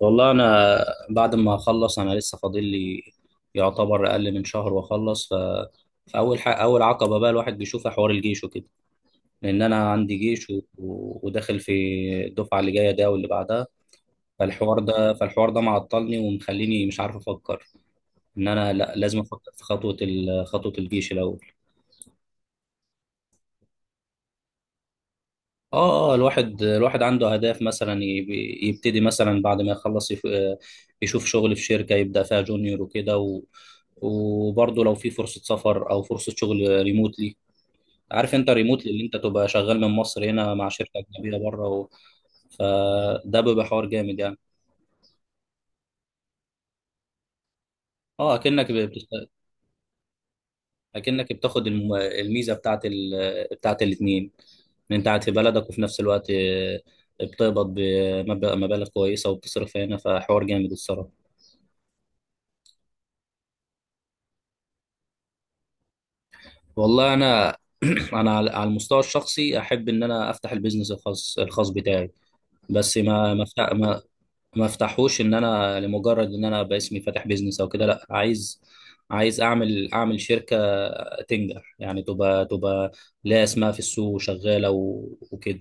والله انا بعد ما اخلص انا لسه فاضل لي يعتبر اقل من شهر واخلص، فاول حق اول عقبه بقى الواحد بيشوفها حوار الجيش وكده. لان انا عندي جيش و... و- وداخل في الدفعه اللي جايه ده واللي بعدها. فالحوار ده معطلني ومخليني مش عارف افكر ان انا لا لازم افكر في خطوه الجيش الاول. اه، الواحد عنده اهداف، مثلا يبتدي مثلا بعد ما يخلص يشوف شغل في شركة يبدأ فيها جونيور وكده، و... وبرضه لو في فرصة سفر او فرصة شغل ريموتلي. عارف انت ريموتلي اللي انت تبقى شغال من مصر هنا مع شركة اجنبية بره، و... فده بيبقى حوار جامد يعني. اه اكنك بتست... اكنك بتاخد الميزة بتاعت بتاعت الاتنين، ان انت قاعد في بلدك وفي نفس الوقت، بتقبض مبالغ كويسة وبتصرف هنا، فحوار جامد الصراحة. والله انا انا على المستوى الشخصي احب ان انا افتح البيزنس الخاص بتاعي. بس ما ما أفتح- ما ما افتحوش ان انا لمجرد ان انا باسمي فاتح بيزنس او كده. لا، عايز اعمل شركه تنجح، يعني تبقى ليها اسمها في السوق وشغاله، وكده.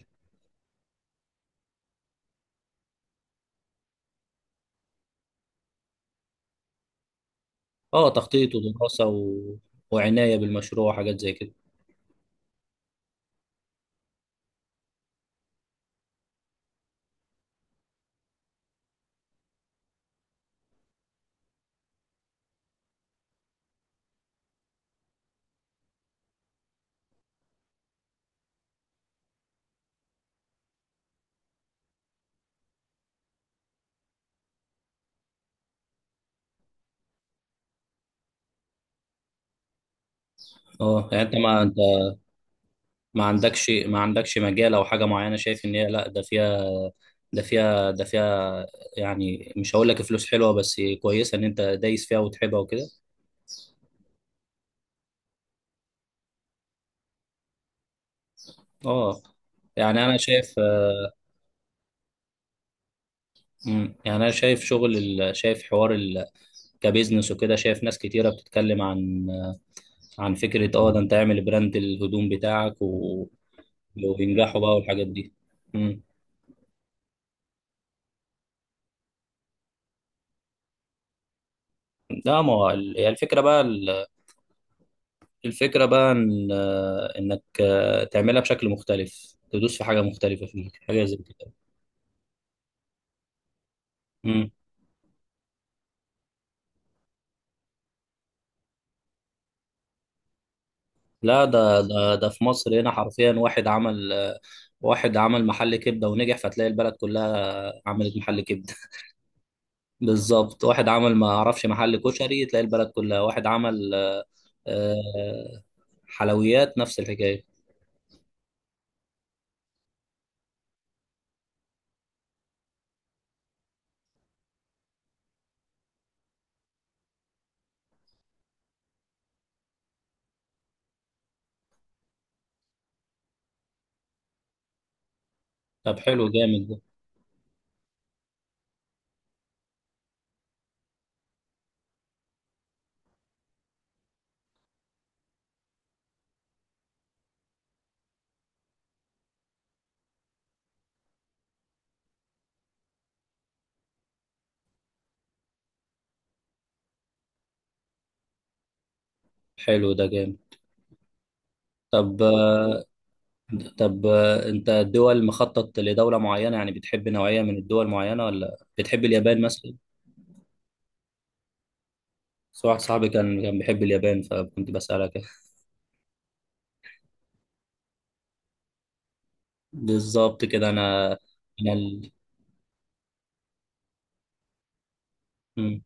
اه، تخطيط ودراسه وعنايه بالمشروع وحاجات زي كده. اه يعني انت، ما انت ما عندكش مجال او حاجه معينه شايف ان هي، لا ده فيها ده فيها ده فيها يعني مش هقول لك فلوس حلوه بس كويسه، ان انت دايس فيها وتحبها وكده. اه يعني انا شايف. يعني انا شايف كبزنس وكده. شايف ناس كتيره بتتكلم عن فكره، اه ده انت اعمل براند الهدوم بتاعك وينجحوا بقى والحاجات دي. مم. لا، ما هو ال- هي الفكره بقى الفكرة بقى إن، إنك تعملها بشكل مختلف، تدوس في حاجة مختلفة، فيه حاجة زي كده. مم. لا ده ده ده في مصر هنا حرفيا، واحد عمل محل كبدة ونجح، فتلاقي البلد كلها عملت محل كبدة. بالظبط، واحد عمل، ما أعرفش، محل كشري، تلاقي البلد كلها. واحد عمل آه، حلويات، نفس الحكاية. طب حلو جامد ده. حلو ده جامد. طب آه، طب، انت الدول مخطط لدولة معينة؟ يعني بتحب نوعية من الدول معينة، ولا بتحب اليابان مثلا؟ بس واحد صاحبي كان بيحب اليابان، فكنت بسألك. بالظبط كده. انا انا ال... مم.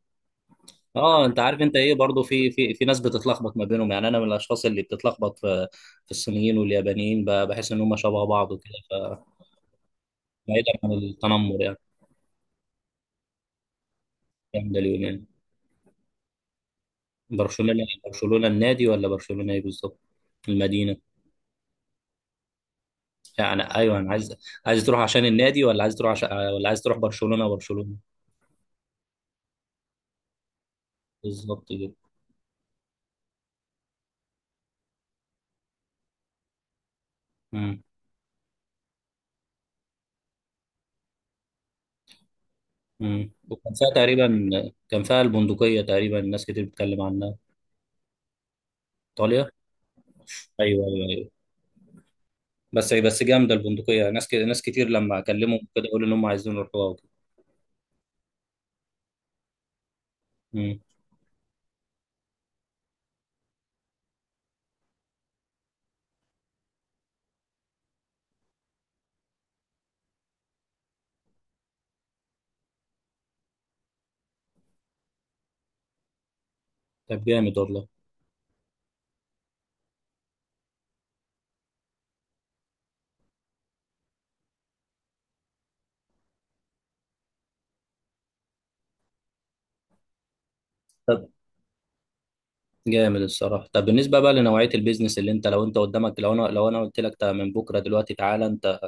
اه، انت عارف انت ايه؟ برضو في ناس بتتلخبط ما بينهم. يعني انا من الاشخاص اللي بتتلخبط في الصينيين واليابانيين، بحس ان هم شبه بعض وكده، فبعيدا عن التنمر يعني، الكلام ده اليومين. برشلونة، برشلونة النادي ولا برشلونة ايه بالظبط؟ المدينة. يعني ايوه، انا عايز، عايز تروح عشان النادي ولا عايز تروح عشان، ولا عايز تروح برشلونه برشلونه؟ بالظبط كده. امم وكان فيها تقريبا، كان فيها البندقيه تقريبا، ناس كتير بتتكلم عنها. ايطاليا. ايوه ايوه ايوه. بس جامده البندقيه، ناس كتير لما اكلمهم كده يقولوا ان هم عايزين يروحوها وكده. امم طب جامد والله. طب جامد الصراحه. طب بالنسبه بقى لنوعيه البيزنس، اللي انت، لو انت قدامك، لو انا قلت لك، طب من بكره دلوقتي تعالى انت،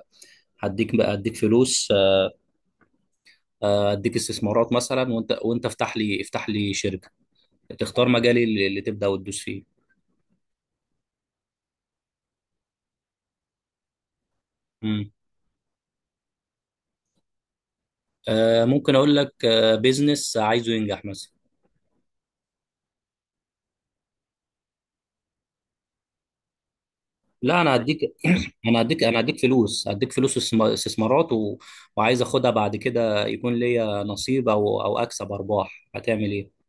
هديك فلوس، اديك استثمارات مثلا، وانت افتح لي شركه تختار مجالي اللي تبدا وتدوس فيه. مم. ممكن اقول لك، بيزنس عايزه ينجح مثلا. لا، انا هديك انا هديك فلوس استثمارات، وعايز اخدها بعد كده يكون ليا نصيب، او اكسب ارباح. هتعمل ايه؟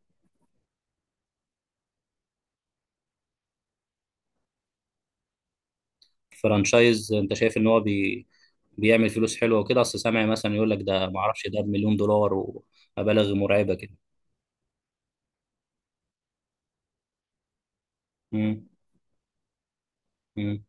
فرانشايز. انت شايف ان هو بيعمل فلوس حلوه وكده؟ اصل سامع مثلا يقول لك، ده ما اعرفش، ده بمليون دولار ومبالغ مرعبه كده. مم. مم.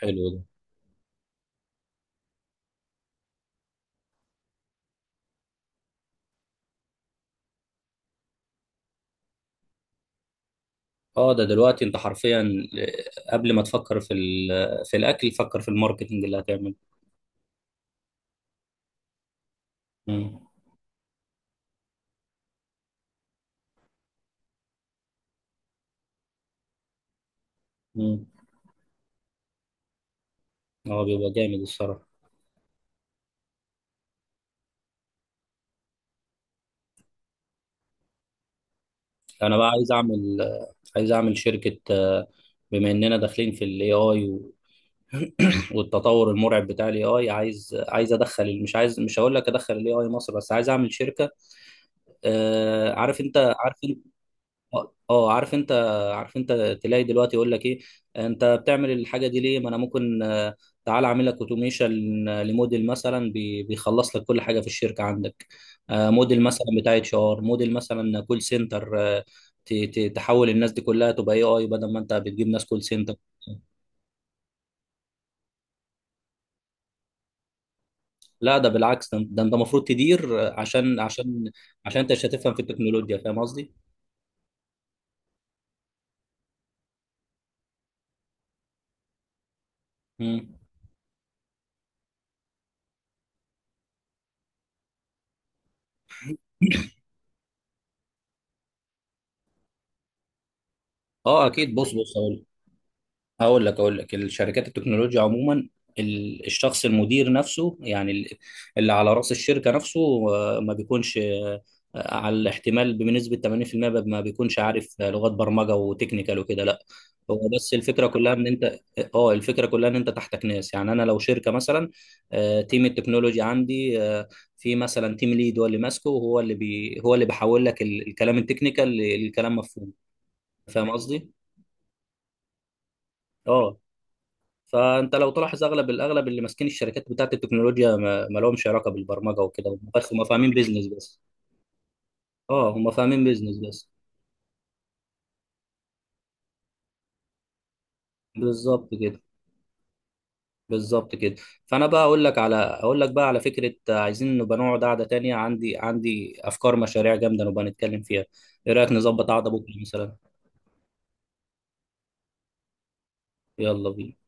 حلو ده. اه، ده دلوقتي انت حرفيا، قبل ما تفكر في في الاكل، فكر في الماركتنج اللي هتعمله. مم. مم. اه بيبقى جامد الصراحه. انا بقى عايز اعمل شركه، بما اننا داخلين في الاي اي، والتطور المرعب بتاع الاي اي، عايز ادخل، مش عايز، مش هقول لك ادخل الاي اي مصر، بس عايز اعمل شركه. آه، عارف انت عارف عارف انت، تلاقي دلوقتي يقول لك ايه، انت بتعمل الحاجه دي ليه؟ ما انا ممكن، تعال اعمل لك اوتوميشن لموديل مثلا بيخلص لك كل حاجه في الشركه عندك. موديل مثلا بتاع اتش ار، موديل مثلا كول سنتر، تحول الناس دي كلها تبقى اي اي، بدل ما انت بتجيب ناس كول سنتر. لا، ده بالعكس، ده ده انت المفروض تدير، عشان انت مش هتفهم في التكنولوجيا. فاهم قصدي؟ مم. اه اكيد. بص بص، هقول لك، اقول لك الشركات التكنولوجيا عموما، الشخص المدير نفسه، يعني اللي على راس الشركه نفسه، ما بيكونش على الاحتمال بنسبه 80%، ما بيكونش عارف لغات برمجه وتكنيكال وكده، لا. هو بس الفكره كلها ان انت اه الفكره كلها ان انت تحتك ناس. يعني انا لو شركه مثلا، تيم التكنولوجي عندي، في مثلا تيم ليد، هو اللي ماسكه، وهو اللي بي هو اللي بيحول لك الكلام التكنيكال لكلام مفهوم. فاهم قصدي؟ اه، فانت لو تلاحظ، اغلب اللي ماسكين الشركات بتاعت التكنولوجيا، ما لهمش علاقه بالبرمجه وكده. هم بس، هم فاهمين بيزنس بس. اه، هم فاهمين بيزنس بس. بالظبط كده، بالظبط كده. فانا بقى اقول لك على، اقول لك بقى على فكره، عايزين نبقى نقعد قعده تانية، عندي افكار مشاريع جامده، نبقى نتكلم فيها. ايه رايك نظبط قعده بكره مثلا؟ يلا بينا.